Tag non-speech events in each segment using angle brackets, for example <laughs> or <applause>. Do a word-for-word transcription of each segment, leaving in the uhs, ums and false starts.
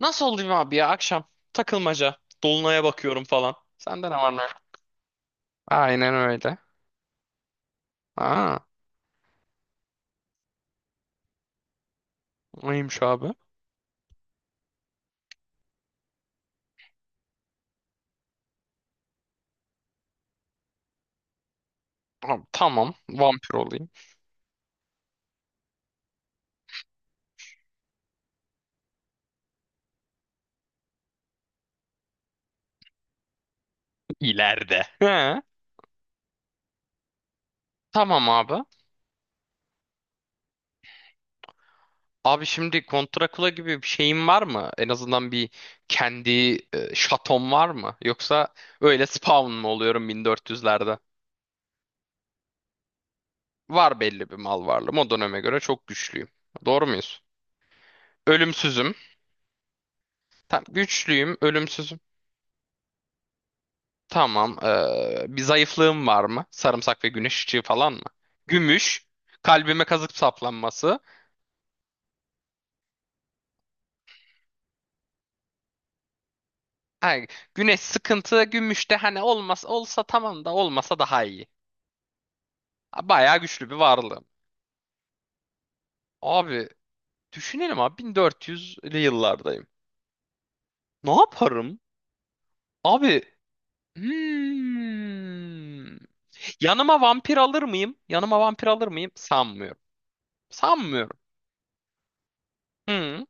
Nasıl olayım abi ya akşam takılmaca. Dolunay'a bakıyorum falan. Sende ne var ne yok? Aynen öyle. Aa, neymiş abi? Ha, tamam, vampir olayım. İleride. He, tamam abi. Abi şimdi kontrakula gibi bir şeyin var mı? En azından bir kendi e, şaton var mı? Yoksa öyle spawn mı oluyorum bin dört yüzlerde? Var belli bir mal varlığım. O döneme göre çok güçlüyüm. Doğru muyuz? Ölümsüzüm. Tam güçlüyüm, ölümsüzüm. Tamam. Ee, bir zayıflığım var mı? Sarımsak ve güneş ışığı falan mı? Gümüş. Kalbime kazık saplanması. Ha, güneş sıkıntı. Gümüş de hani olmaz, olsa tamam da olmasa daha iyi. Bayağı güçlü bir varlığım. Abi düşünelim abi bin dört yüzlü yıllardayım. Ne yaparım? Abi hmm. Yanıma vampir alır mıyım? Yanıma vampir alır mıyım? Sanmıyorum. Sanmıyorum. Hı,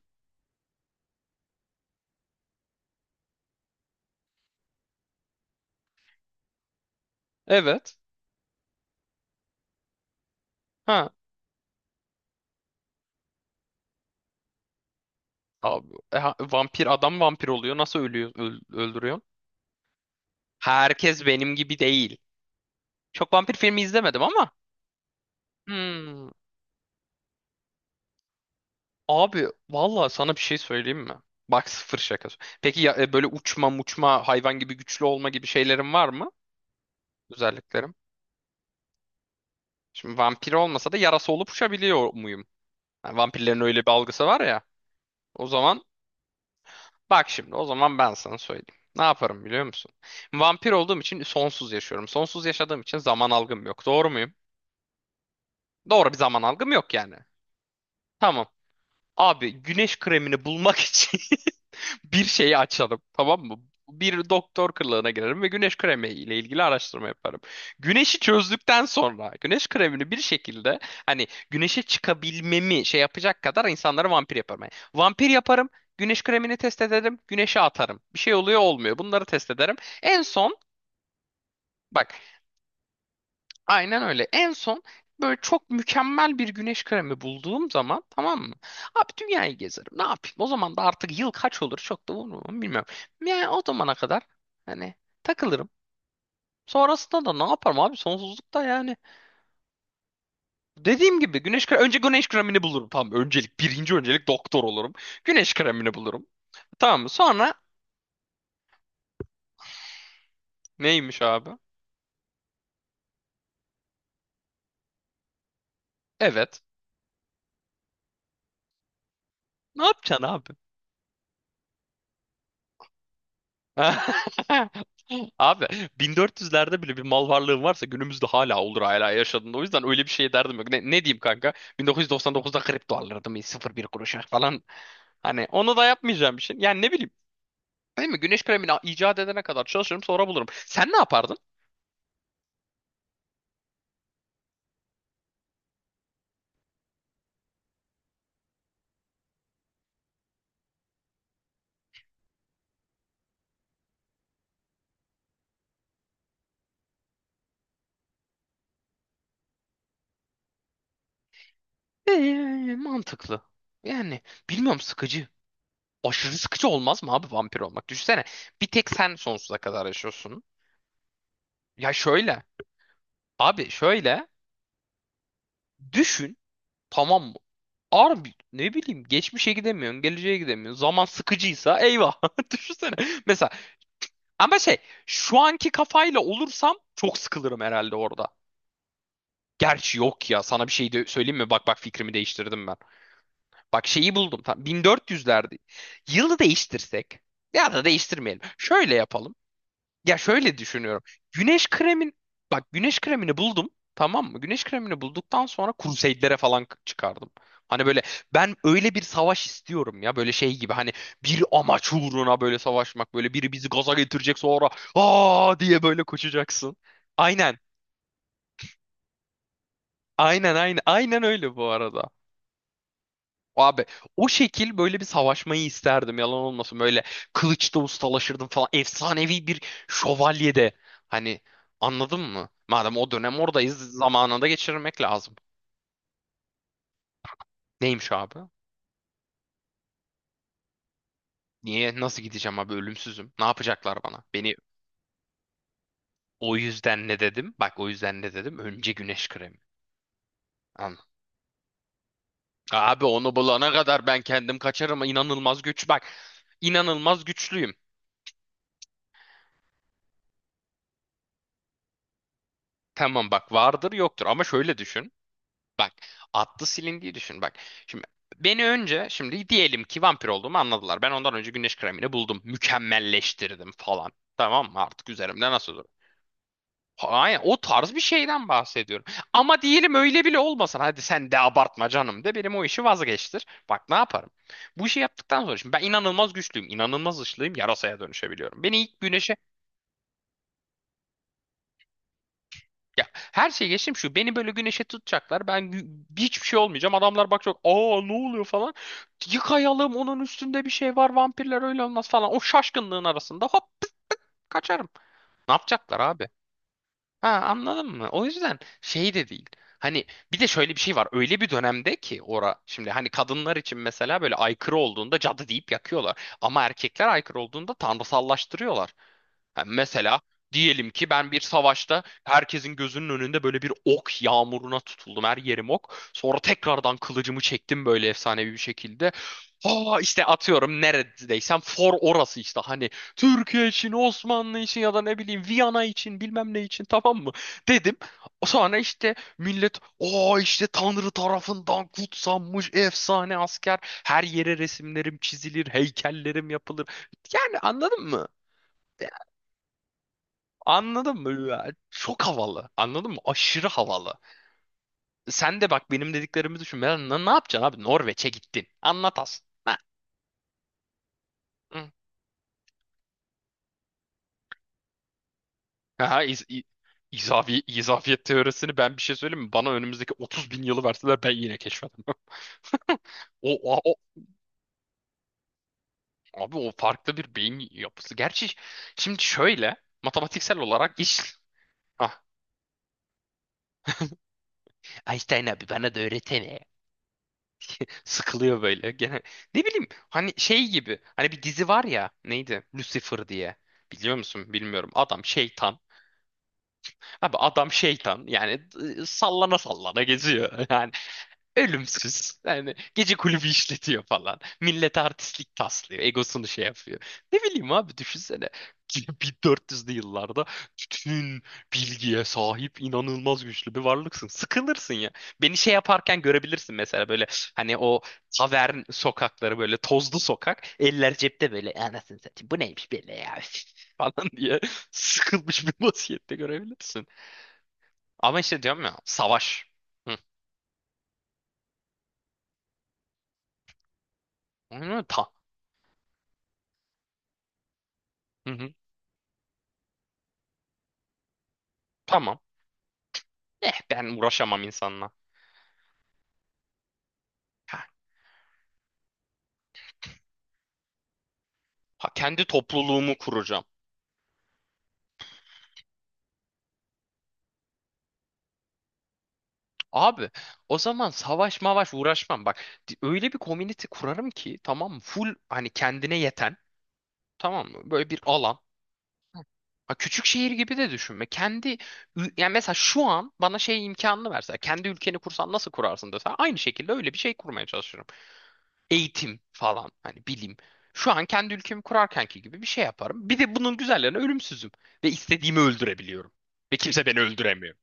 evet. Abi, e, ha- vampir adam vampir oluyor. Nasıl ölüyor, öl- öldürüyor? Herkes benim gibi değil. Çok vampir filmi izlemedim ama. Hmm. Abi valla sana bir şey söyleyeyim mi? Bak sıfır şakası. Peki ya, e, böyle uçma muçma hayvan gibi güçlü olma gibi şeylerin var mı? Özelliklerim. Şimdi vampir olmasa da yarası olup uçabiliyor muyum? Yani vampirlerin öyle bir algısı var ya. O zaman bak şimdi o zaman ben sana söyleyeyim. Ne yaparım biliyor musun? Vampir olduğum için sonsuz yaşıyorum. Sonsuz yaşadığım için zaman algım yok. Doğru muyum? Doğru bir zaman algım yok yani. Tamam. Abi güneş kremini bulmak için <laughs> bir şeyi açalım. Tamam mı? Bir doktor kılığına girerim ve güneş kremi ile ilgili araştırma yaparım. Güneşi çözdükten sonra güneş kremini bir şekilde hani güneşe çıkabilmemi şey yapacak kadar insanları vampir yaparım. Yani vampir yaparım, güneş kremini test ederim, güneşe atarım. Bir şey oluyor olmuyor. Bunları test ederim. En son bak. Aynen öyle. En son böyle çok mükemmel bir güneş kremi bulduğum zaman tamam mı? Abi dünyayı gezerim. Ne yapayım? O zaman da artık yıl kaç olur çok da umurum bilmiyorum. Yani o zamana kadar hani takılırım. Sonrasında da ne yaparım abi? Sonsuzlukta yani. Dediğim gibi güneş kremi, önce güneş kremini bulurum. Tamam öncelik birinci öncelik doktor olurum. Güneş kremini bulurum. Tamam mı? Sonra neymiş abi? Evet. Ne yapacaksın abi? <laughs> Abi bin dört yüzlerde bile bir mal varlığım varsa günümüzde hala olur hala yaşadığında. O yüzden öyle bir şey derdim yok. Ne, ne diyeyim kanka? bin dokuz yüz doksan dokuzda kripto alırdım sıfır bir kuruşa falan. Hani onu da yapmayacağım bir şey. Yani ne bileyim. Değil mi? Güneş kremini icat edene kadar çalışırım sonra bulurum. Sen ne yapardın? Ee, mantıklı. Yani bilmiyorum sıkıcı. Aşırı sıkıcı olmaz mı abi vampir olmak? Düşünsene bir tek sen sonsuza kadar yaşıyorsun. Ya şöyle. Abi şöyle. Düşün. Tamam mı? Abi ne bileyim geçmişe gidemiyorsun, geleceğe gidemiyorsun. Zaman sıkıcıysa eyvah. <laughs> Düşünsene. Mesela ama şey şu anki kafayla olursam çok sıkılırım herhalde orada. Gerçi yok ya sana bir şey de söyleyeyim mi? Bak bak fikrimi değiştirdim ben. Bak şeyi buldum. Tam bin dört yüzlerde. Yılı değiştirsek ya da değiştirmeyelim. Şöyle yapalım. Ya şöyle düşünüyorum. Güneş kremin bak güneş kremini buldum. Tamam mı? Güneş kremini bulduktan sonra Crusade'lere falan k- çıkardım. Hani böyle ben öyle bir savaş istiyorum ya böyle şey gibi hani bir amaç uğruna böyle savaşmak böyle biri bizi gaza getirecek sonra aa diye böyle koşacaksın. Aynen. Aynen aynen aynen öyle bu arada. Abi o şekil böyle bir savaşmayı isterdim yalan olmasın. Böyle kılıçta ustalaşırdım falan. Efsanevi bir şövalyede. Hani anladın mı? Madem o dönem oradayız zamanında geçirmek lazım. Neymiş abi? Niye? Nasıl gideceğim abi? Ölümsüzüm. Ne yapacaklar bana? Beni o yüzden ne dedim? Bak o yüzden ne dedim? Önce güneş kremi. Anla. Abi onu bulana kadar ben kendim kaçarım. İnanılmaz güç. Bak inanılmaz güçlüyüm. Tamam bak vardır yoktur ama şöyle düşün. Bak atlı silindiği düşün bak. Şimdi beni önce şimdi diyelim ki vampir olduğumu anladılar. Ben ondan önce güneş kremini buldum. Mükemmelleştirdim falan. Tamam mı? Artık üzerimde nasıl olur? Hayır, o tarz bir şeyden bahsediyorum. Ama diyelim öyle bile olmasın. Hadi sen de abartma canım de benim o işi vazgeçtir. Bak ne yaparım? Bu işi yaptıktan sonra şimdi ben inanılmaz güçlüyüm. İnanılmaz ışlıyım. Yarasaya dönüşebiliyorum. Beni ilk güneşe. Ya her şeyi geçtim şu. Beni böyle güneşe tutacaklar. Ben gü- hiçbir şey olmayacağım. Adamlar bakacak. Aa ne oluyor falan. Yıkayalım onun üstünde bir şey var. Vampirler öyle olmaz falan. O şaşkınlığın arasında hop kaçarım. Ne yapacaklar abi? Ha anladın mı? O yüzden şey de değil. Hani bir de şöyle bir şey var. Öyle bir dönemde ki ora şimdi hani kadınlar için mesela böyle aykırı olduğunda cadı deyip yakıyorlar. Ama erkekler aykırı olduğunda tanrısallaştırıyorlar. Ha, mesela diyelim ki ben bir savaşta herkesin gözünün önünde böyle bir ok yağmuruna tutuldum. Her yerim ok. Sonra tekrardan kılıcımı çektim böyle efsanevi bir şekilde. Aa, işte atıyorum neredeysem for orası işte hani Türkiye için, Osmanlı için ya da ne bileyim Viyana için bilmem ne için tamam mı dedim. Sonra işte millet o işte Tanrı tarafından kutsanmış efsane asker her yere resimlerim çizilir heykellerim yapılır yani anladın mı? Anladın mı? Ya, çok havalı. Anladın mı? Aşırı havalı. Sen de bak benim dediklerimi düşün. Ben, ne, ne yapacaksın abi? Norveç'e gittin. Anlat as. Ha, hı. Aha, iz, i- izafi- izafiyet teorisini ben bir şey söyleyeyim mi? Bana önümüzdeki otuz bin yılı verseler ben yine keşfederim. O, o, o- Abi o farklı bir beyin yapısı. Gerçi şimdi şöyle matematiksel olarak iş... Ah, Einstein abi bana da öğretene. Sıkılıyor böyle. Gene ne bileyim hani şey gibi. Hani bir dizi var ya neydi? Lucifer diye. Biliyor musun? Bilmiyorum. Adam şeytan. Abi adam şeytan. Yani e, sallana sallana geziyor. <laughs> Yani ölümsüz. Yani gece kulübü işletiyor falan. Millete artistlik taslıyor. Egosunu şey yapıyor. Ne bileyim abi düşünsene. bin dört yüzlü yıllarda bütün bilgiye sahip inanılmaz güçlü bir varlıksın. Sıkılırsın ya. Beni şey yaparken görebilirsin mesela böyle hani o tavern sokakları böyle tozlu sokak. Eller cepte böyle anasını satayım bu neymiş böyle ya <laughs> falan diye sıkılmış bir vaziyette görebilirsin. Ama işte diyorum ya savaş. Hı. Hı, ta- hı hı. Tamam. Eh ben uğraşamam insanla. Ha, ha, kendi topluluğumu kuracağım. Abi o zaman savaş mavaş uğraşmam. Bak di- öyle bir community kurarım ki tamam mı? Full hani kendine yeten tamam mı? Böyle bir alan. Ha, küçük şehir gibi de düşünme. Kendi ü- yani mesela şu an bana şey imkanını verse kendi ülkeni kursan nasıl kurarsın dese aynı şekilde öyle bir şey kurmaya çalışırım. Eğitim falan hani bilim. Şu an kendi ülkemi kurarkenki gibi bir şey yaparım. Bir de bunun güzellerine ölümsüzüm ve istediğimi öldürebiliyorum. Ve kimse beni öldüremiyor.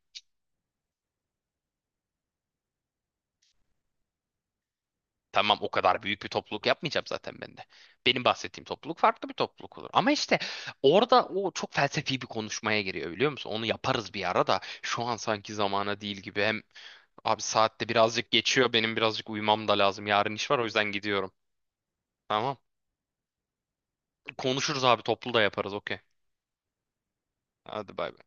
Tamam o kadar büyük bir topluluk yapmayacağım zaten ben de. Benim bahsettiğim topluluk farklı bir topluluk olur. Ama işte orada o çok felsefi bir konuşmaya giriyor biliyor musun? Onu yaparız bir ara da şu an sanki zamana değil gibi. Hem abi saatte birazcık geçiyor benim birazcık uyumam da lazım. Yarın iş var o yüzden gidiyorum. Tamam. Konuşuruz abi toplu da yaparız okey. Hadi bay bay.